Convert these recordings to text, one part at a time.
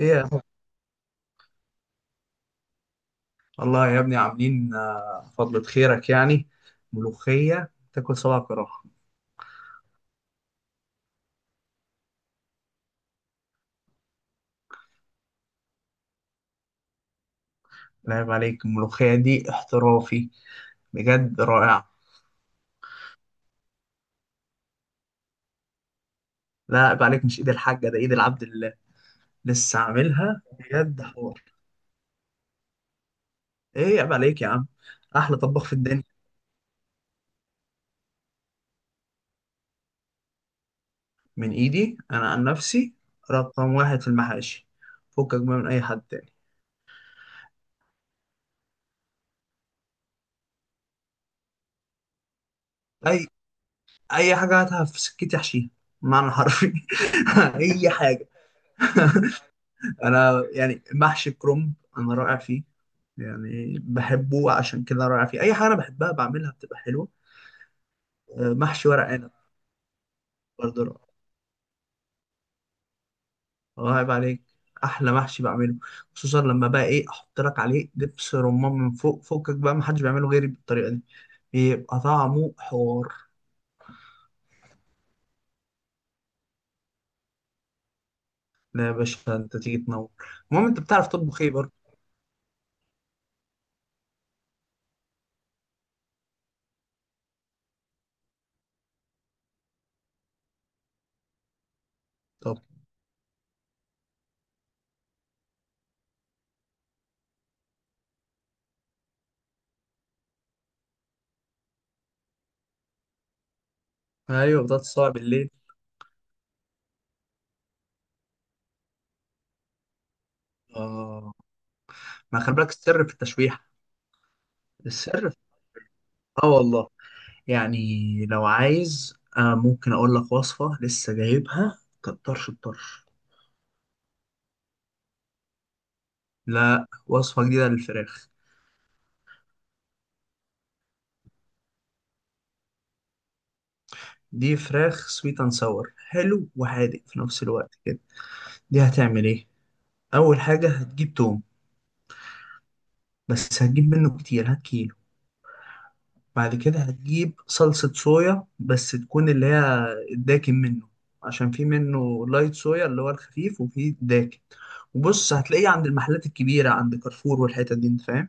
ايه يا أخو؟ والله يا ابني عاملين فضلة خيرك يعني. ملوخية تاكل صباع كراهة. لا عيب عليك، الملوخية دي احترافي، بجد رائعة. لا عيب عليك، مش ايد الحاجة، ده ايد العبد الله، لسه عاملها بجد حوار. ايه عيب عليك يا عم، احلى طباخ في الدنيا، من ايدي انا عن نفسي. رقم واحد في المحاشي، فكك بقى من اي حد تاني. اي اي حاجة هاتها في سكتي احشيها، معنى حرفي. اي حاجة. انا يعني محشي كرنب، انا رائع فيه، يعني بحبه عشان كده رائع فيه، اي حاجه انا بحبها بعملها بتبقى حلوه. محشي ورق عنب برضه رائع. الله يعيب عليك، احلى محشي بعمله، خصوصا لما بقى ايه احط لك عليه دبس رمان من فوق، فوقك بقى محدش بيعمله غيري بالطريقه دي، بيبقى طعمه حوار. لا يا باشا انت تيجي تنور، المهم انت بتعرف تطبخ ايه برضه؟ طب. ايوه، بطاطس صعب بالليل. اه، ما خلي بالك السر في التشويح. السر في... اه والله، يعني لو عايز ممكن أقول لك وصفة لسه جايبها، كانت طرش الطرش. لا، وصفة جديدة للفراخ. دي فراخ سويت اند ساور، حلو وحادق في نفس الوقت كده. دي هتعمل ايه؟ أول حاجة هتجيب توم، بس هتجيب منه كتير، هات كيلو. بعد كده هتجيب صلصة صويا، بس تكون اللي هي الداكن منه، عشان في منه لايت صويا اللي هو الخفيف، وفي داكن. وبص هتلاقيه عند المحلات الكبيرة، عند كارفور والحتت دي، انت فاهم.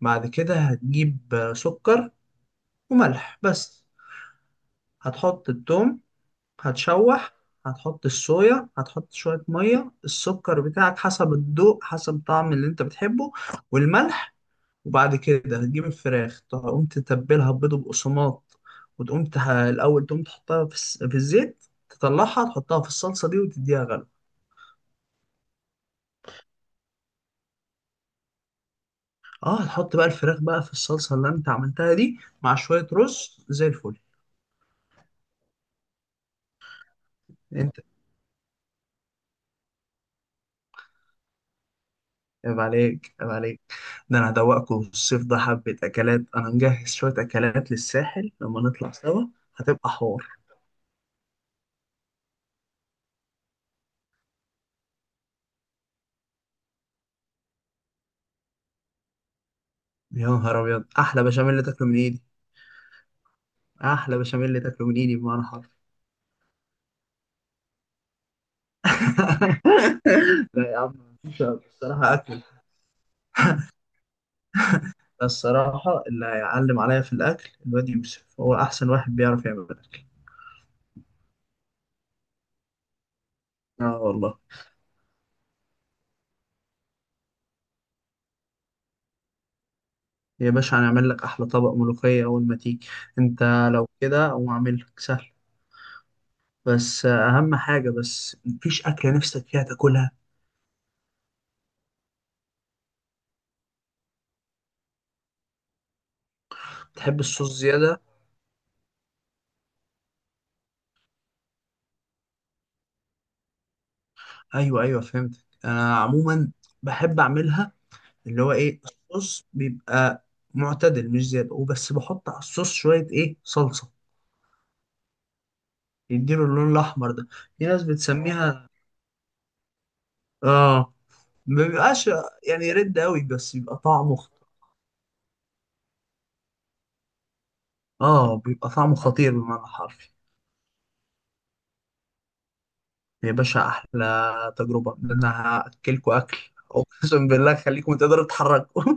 بعد كده هتجيب سكر وملح بس. هتحط التوم، هتشوح، هتحط الصويا، هتحط شوية مية، السكر بتاعك حسب الذوق، حسب الطعم اللي انت بتحبه، والملح. وبعد كده هتجيب الفراخ، تقوم تتبلها بيض وبقسماط، الأول تقوم تحطها في الزيت، تطلعها تحطها في الصلصة دي وتديها غلو. اه، هتحط بقى الفراخ بقى في الصلصة اللي انت عملتها دي، مع شوية رز زي الفل. انت، عيب عليك عيب عليك، ده انا هدوقكم الصيف ده حبة اكلات، انا مجهز شوية اكلات للساحل لما نطلع سوا، هتبقى حوار. يا نهار ابيض، احلى بشاميل اللي تاكله من ايدي، احلى بشاميل اللي تاكله من ايدي بمعنى حرفي. لا يا عم، مش الصراحة اكل. ده الصراحة اللي هيعلم عليا في الاكل الواد يوسف، هو احسن واحد بيعرف يعمل اكل. اه والله. يا باشا هنعمل لك احلى طبق ملوخية اول ما تيجي، انت لو كده اقوم اعمل لك سهل، بس اهم حاجه، بس مفيش اكله نفسك فيها تاكلها. تحب الصوص زياده؟ ايوه ايوه فهمتك، انا عموما بحب اعملها، اللي هو ايه، الصوص بيبقى معتدل مش زياده، وبس بحط على الصوص شويه ايه صلصه، يديله اللون الاحمر ده، في ناس بتسميها. اه، ما بيبقاش يعني رد قوي، بس بيبقى طعمه اه، بيبقى طعمه خطير بمعنى حرفي. يا باشا احلى تجربه، ان انا هاكلكوا اكل، اقسم بالله خليكم تقدروا تتحركوا.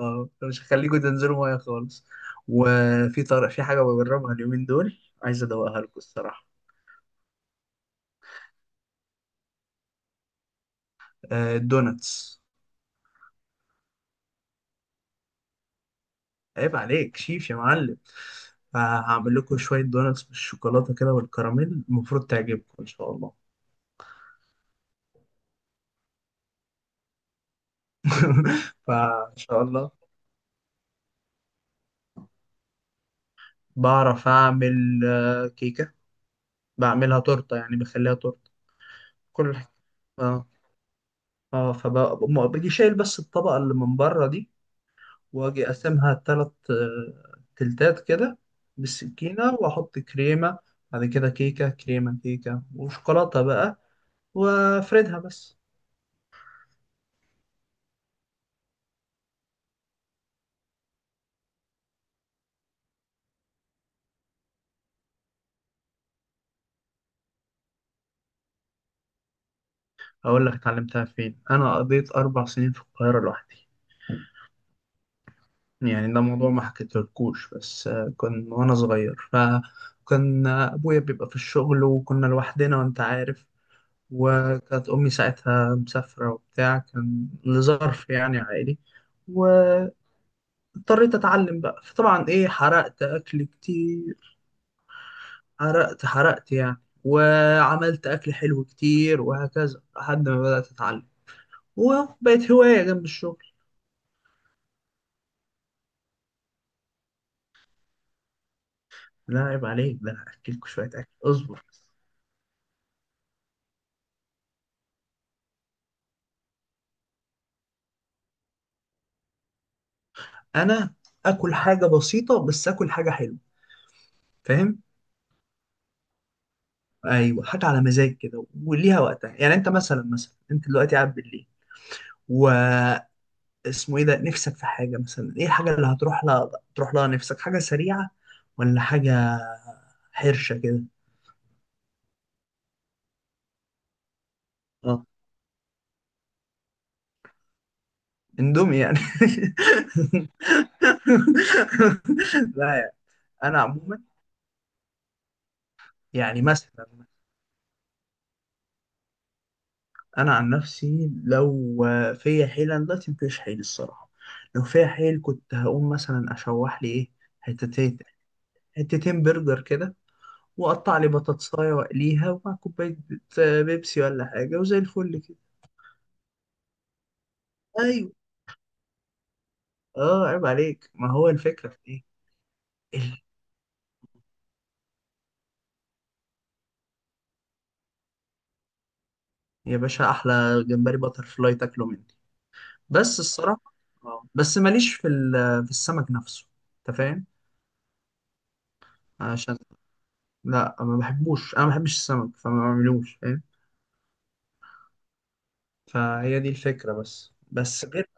اه مش هخليه جود، انزله ميه خالص. وفي طرق، في حاجه بجربها اليومين دول، عايز ادوقها لكم الصراحه، الدوناتس. عيب عليك شيف يا معلم. فهعمل لكم شويه دوناتس بالشوكولاته كده والكراميل، المفروض تعجبكم ان شاء الله. فان شاء الله. بعرف اعمل كيكه، بعملها تورته، يعني بخليها تورته، كل حاجه. اه اه، فباجي شايل بس الطبقه اللي من بره دي، واجي اقسمها تلات تلتات كده، بالسكينة واحط كريمة، بعد كده كيكة كريمة كيكة وشوكولاتة بقى، وافردها بس. اقول لك اتعلمتها فين، انا قضيت 4 سنين في القاهرة لوحدي. يعني ده موضوع ما حكيتلكوش، بس كان وانا صغير فكان ابويا بيبقى في الشغل، وكنا لوحدنا، وانت عارف. وكانت امي ساعتها مسافرة وبتاع، كان لظرف يعني عائلي. اضطريت اتعلم بقى، فطبعا ايه، حرقت اكل كتير، حرقت حرقت يعني، وعملت اكل حلو كتير، وهكذا لحد ما بدأت اتعلم، وبقت هواية جنب الشغل. لا عيب عليك، ده انا هاكلكوا شوية اكل، اصبر بس. انا اكل حاجة بسيطة، بس اكل حاجة حلوة، فاهم. ايوه، حاجة على مزاج كده وليها وقتها، يعني انت مثلا انت دلوقتي قاعد بالليل، و اسمه ايه ده، نفسك في حاجة مثلا، ايه الحاجة اللي هتروح لها، تروح لها نفسك حاجة سريعة ولا حاجة حرشة كده؟ اه، اندومي يعني. لا يعني. انا عموما يعني مثلا، انا عن نفسي لو فيا حيل، انا دلوقتي مفيش حيل الصراحة، لو فيا حيل كنت هقوم مثلا اشوح لي ايه، حتتين حتتين برجر كده، واقطع لي بطاطسايه واقليها، ومع كوبايه بيبسي ولا حاجه، وزي الفل كده. ايوه، اه عيب عليك، ما هو الفكرة في ايه. ال- يا باشا احلى جمبري باتر فلاي تاكله مني، بس الصراحة اه، بس ماليش في في السمك نفسه، انت فاهم. عشان، لا ما بحبوش، انا ما بحبش السمك فما بعملوش، فاهم. فهي دي الفكرة، بس غير.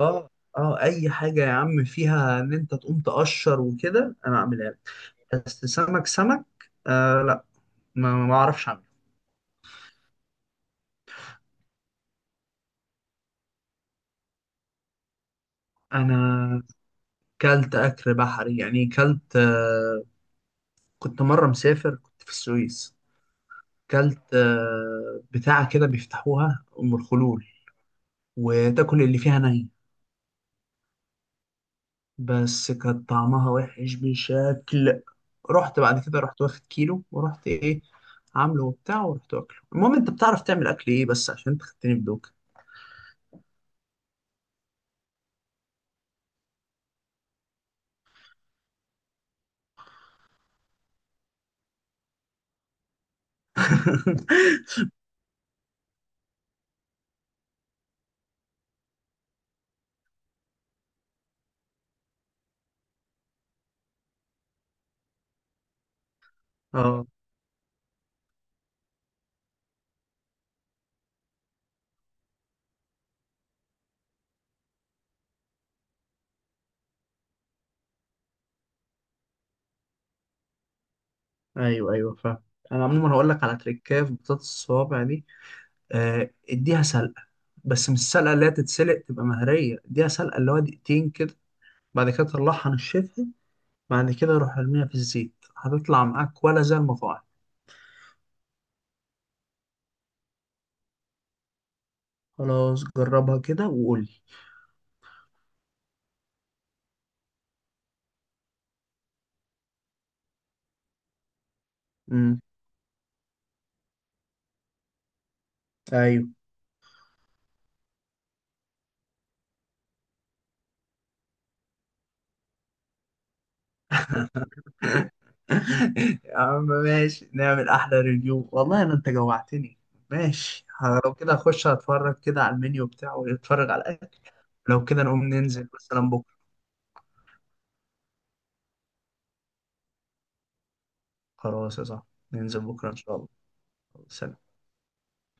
اه اه، اي حاجة يا عم فيها ان انت تقوم تقشر وكده، انا اعملها لك. بس سمك سمك، آه لا، ما اعرفش اعمله. انا كلت اكل بحري يعني، كلت كنت مرة مسافر كنت في السويس، كلت بتاعة كده بيفتحوها أم الخلول، وتاكل اللي فيها ني، بس كان طعمها وحش بشكل، رحت بعد كده، رحت واخد كيلو، ورحت ايه عامله وبتاع، ورحت واكله. المهم، انت بتعرف تعمل اكل ايه، بس عشان انت خدتني بدوك. اه ايوه ايوه فاهم، انا عموما هقول لك على تريكايه في بطاطس الصوابع دي، اديها سلقه، بس مش السلقه اللي هي تتسلق تبقى مهريه، اديها سلقه اللي هو دقيقتين كده، بعد كده تطلعها نشفها، بعد كده روح ارميها في الزيت، هتطلع معاك ولا زي المطاعم. خلاص، جربها كده وقول لي. امم، ايوه. يا عم ماشي، نعمل احلى ريفيو، والله انا انت جوعتني. ماشي، لو كده اخش اتفرج كده على المنيو بتاعه واتفرج على الاكل. لو كده نقوم ننزل مثلا بكره. خلاص يا صاحبي، ننزل بكره ان شاء الله. سلام